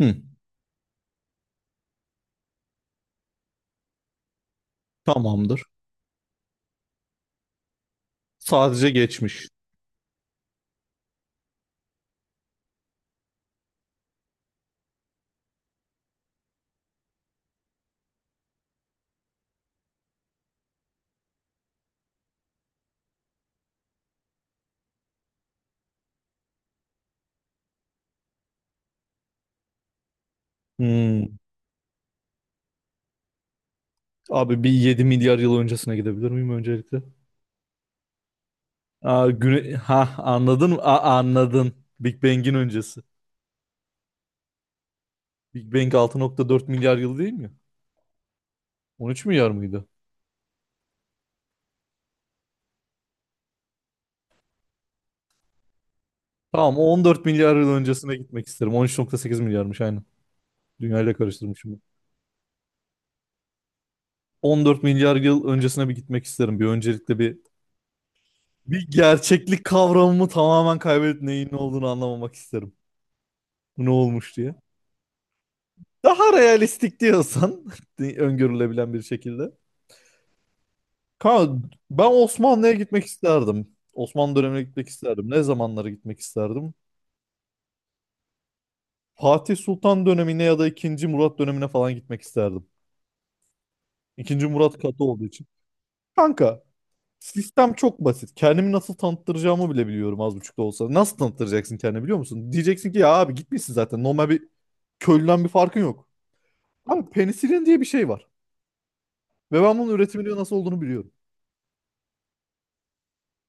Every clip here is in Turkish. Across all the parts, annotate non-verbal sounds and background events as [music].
Hı, tamamdır. Sadece geçmiş. Hmm. Abi bir 7 milyar yıl öncesine gidebilir miyim öncelikle? Aa, Ha anladın mı? Aa, anladın. Big Bang'in öncesi. Big Bang 6,4 milyar yıl değil mi? 13 milyar mıydı? Tamam, on dört milyar yıl öncesine gitmek isterim. 13,8 milyarmış aynen. Dünyayla karıştırmışım. 14 milyar yıl öncesine bir gitmek isterim. Bir öncelikle bir gerçeklik kavramımı tamamen kaybedip neyin ne olduğunu anlamamak isterim. Bu ne olmuş diye. Daha realistik diyorsan [laughs] öngörülebilen bir şekilde. Kanka, ben Osmanlı'ya gitmek isterdim. Osmanlı dönemine gitmek isterdim. Ne zamanlara gitmek isterdim? Fatih Sultan dönemine ya da 2. Murat dönemine falan gitmek isterdim. 2. Murat katı olduğu için. Kanka, sistem çok basit. Kendimi nasıl tanıttıracağımı bile biliyorum, az buçuk da olsa. Nasıl tanıttıracaksın kendini, biliyor musun? Diyeceksin ki ya abi, gitmişsin zaten. Normal bir köylüden bir farkın yok. Abi, penisilin diye bir şey var. Ve ben bunun üretiminin nasıl olduğunu biliyorum.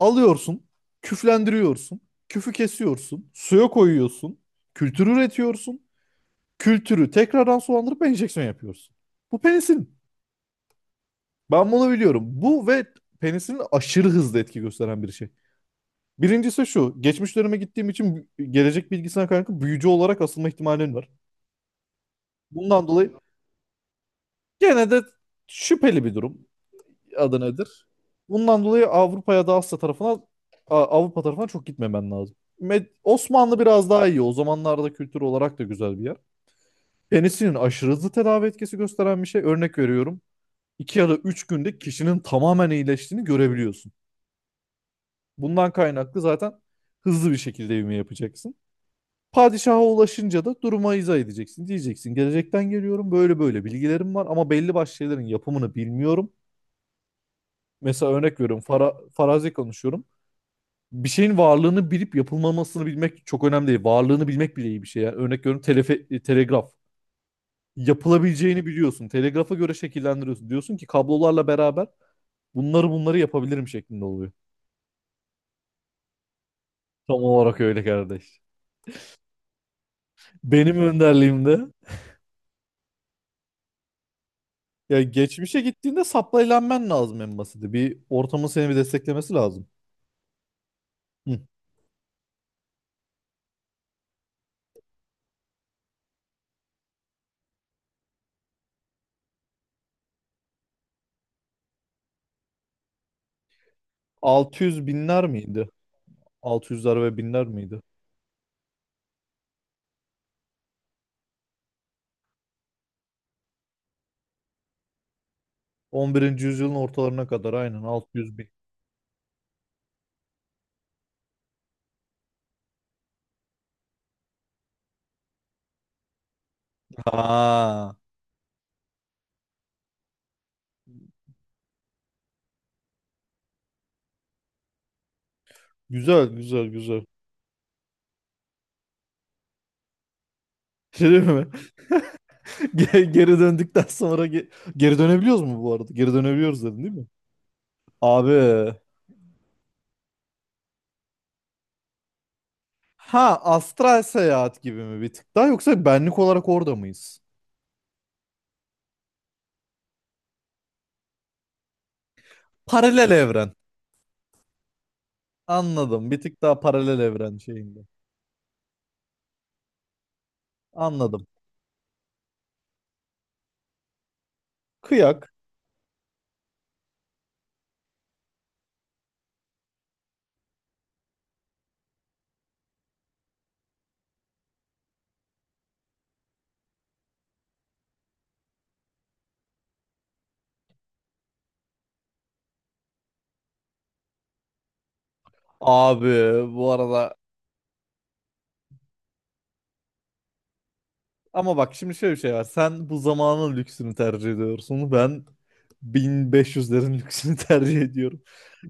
Alıyorsun, küflendiriyorsun, küfü kesiyorsun, suya koyuyorsun, kültür üretiyorsun, kültürü tekrardan sulandırıp enjeksiyon yapıyorsun. Bu penisilin. Ben bunu biliyorum. Bu ve penisilin aşırı hızlı etki gösteren bir şey. Birincisi şu, geçmiş döneme gittiğim için gelecek bilgisine kaynaklı büyücü olarak asılma ihtimalim var. Bundan dolayı gene de şüpheli bir durum. Adı nedir? Bundan dolayı Avrupa ya da Asya tarafına Avrupa tarafına çok gitmemen lazım. Osmanlı biraz daha iyi. O zamanlarda kültür olarak da güzel bir yer. Penisinin aşırı hızlı tedavi etkisi gösteren bir şey. Örnek veriyorum. 2 ya da 3 günde kişinin tamamen iyileştiğini görebiliyorsun. Bundan kaynaklı zaten hızlı bir şekilde ivme yapacaksın. Padişaha ulaşınca da duruma izah edeceksin. Diyeceksin gelecekten geliyorum, böyle böyle bilgilerim var ama belli başlı şeylerin yapımını bilmiyorum. Mesela örnek veriyorum, farazi konuşuyorum. Bir şeyin varlığını bilip yapılmamasını bilmek çok önemli değil. Varlığını bilmek bile iyi bir şey. Yani örnek veriyorum, telegraf. Yapılabileceğini biliyorsun. Telegrafa göre şekillendiriyorsun. Diyorsun ki kablolarla beraber bunları yapabilirim şeklinde oluyor. Tam olarak öyle kardeş. Benim önderliğimde, ya geçmişe gittiğinde saplayılanman lazım en basiti. Bir ortamın seni bir desteklemesi lazım. Hı. 600 binler miydi? 600'ler ve binler miydi? 11. yüzyılın ortalarına kadar aynen 600 bin. Ha. Güzel, güzel, güzel. Şey değil mi? [laughs] Geri döndükten sonra geri dönebiliyoruz mu bu arada? Geri dönebiliyoruz dedin değil mi? Abi. Ha, astral seyahat gibi mi bir tık daha, yoksa benlik olarak orada mıyız? Paralel evren. Anladım. Bir tık daha paralel evren şeyinde. Anladım. Kıyak. Abi, bu arada ama bak şimdi şöyle bir şey var. Sen bu zamanın lüksünü tercih ediyorsun. Ben 1500'lerin lüksünü [laughs] tercih ediyorum.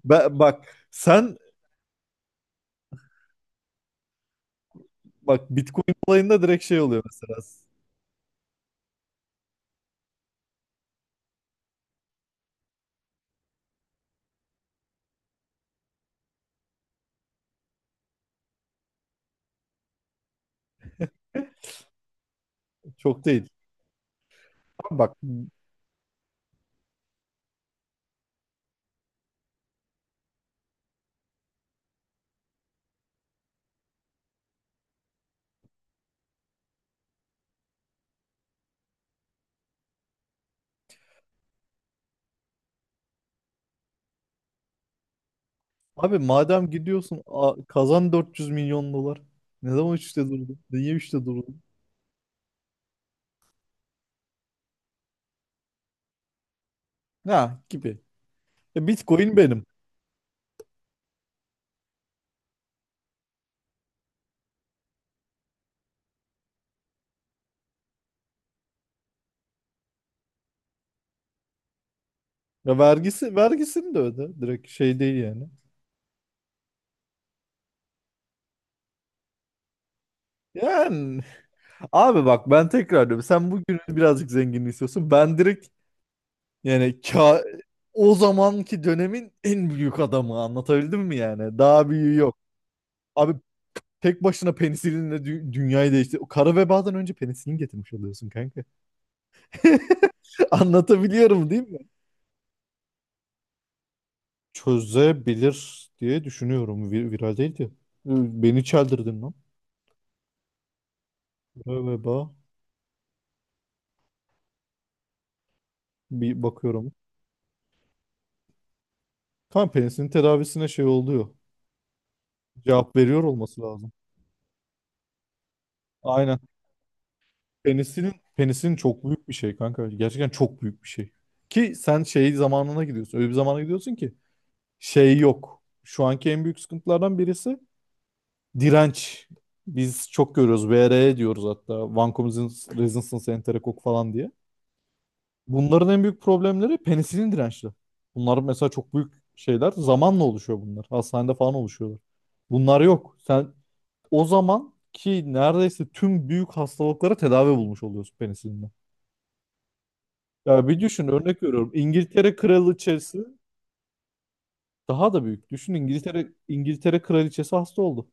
Ben, bak sen bak, Bitcoin olayında direkt şey oluyor mesela. Çok değil. Bak abi, madem gidiyorsun, kazan 400 milyon dolar. Ne zaman üçte durdun? Niye üçte durdun? Ha, gibi. Bitcoin benim. Ya, vergisini de öde. Direkt şey değil yani. Yani abi, bak ben tekrar diyorum. Sen bugün birazcık zengin istiyorsun. Ben direkt, yani o zamanki dönemin en büyük adamı, anlatabildim mi yani? Daha büyüğü yok. Abi, tek başına penisilinle dünyayı değiştir. Kara vebadan önce penisilin getirmiş oluyorsun kanka. [laughs] [laughs] Anlatabiliyorum değil mi? Çözebilir diye düşünüyorum. Viral değildi. Beni çeldirdin lan. Galiba bir bakıyorum. Tam penisinin tedavisine şey oluyor. Cevap veriyor olması lazım. Aynen. Penisinin çok büyük bir şey kanka. Gerçekten çok büyük bir şey. Ki sen şey zamanına gidiyorsun. Öyle bir zamana gidiyorsun ki şey yok. Şu anki en büyük sıkıntılardan birisi direnç. Biz çok görüyoruz. VRE diyoruz hatta. Vancomycin resistance enterokok falan diye. Bunların en büyük problemleri penisilin dirençli. Bunlar mesela çok büyük şeyler. Zamanla oluşuyor bunlar. Hastanede falan oluşuyorlar. Bunlar yok. Sen o zaman ki neredeyse tüm büyük hastalıklara tedavi bulmuş oluyorsun penisilinle. Ya bir düşün, örnek veriyorum. İngiltere kraliçesi daha da büyük. Düşün, İngiltere kraliçesi hasta oldu.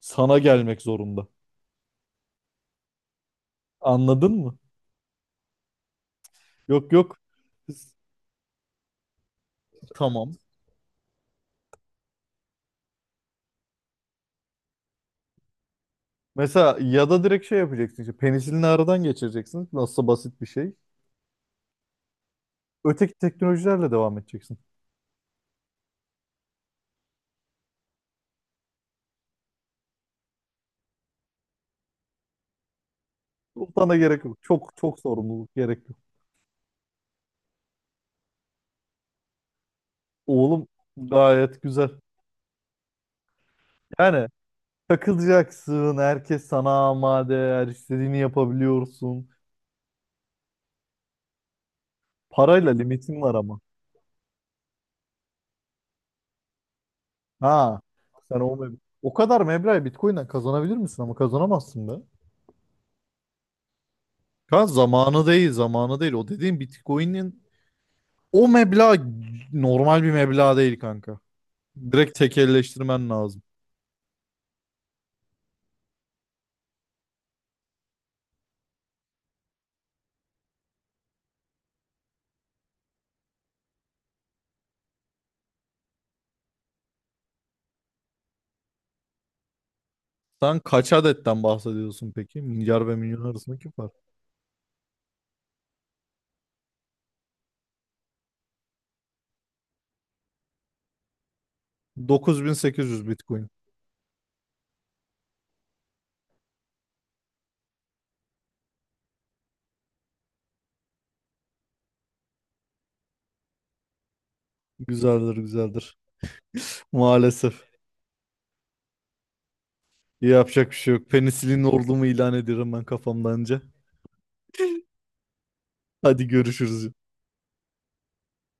Sana gelmek zorunda. Anladın mı? Yok, yok. Tamam. Mesela ya da direkt şey yapacaksın işte, penisilini aradan geçireceksin. Nasılsa basit bir şey. Öteki teknolojilerle devam edeceksin. Sultana gerek yok. Çok çok sorumluluk gerek yok. Oğlum, gayet güzel. Yani takılacaksın. Herkes sana amade. Her istediğini yapabiliyorsun. Parayla limitin var ama. Ha. Sen o kadar meblağı Bitcoin'den kazanabilir misin? Ama kazanamazsın be. Kan zamanı değil. Zamanı değil. O dediğin Bitcoin'in o meblağ normal bir meblağ değil kanka. Direkt tekelleştirmen lazım. Sen kaç adetten bahsediyorsun peki? Milyar ve milyon arasında kim var? 9800 Bitcoin. Güzeldir, güzeldir. Maalesef. Yapacak bir şey yok. Penisilin ordumu ilan ediyorum ben, kafamdan önce. Hadi görüşürüz.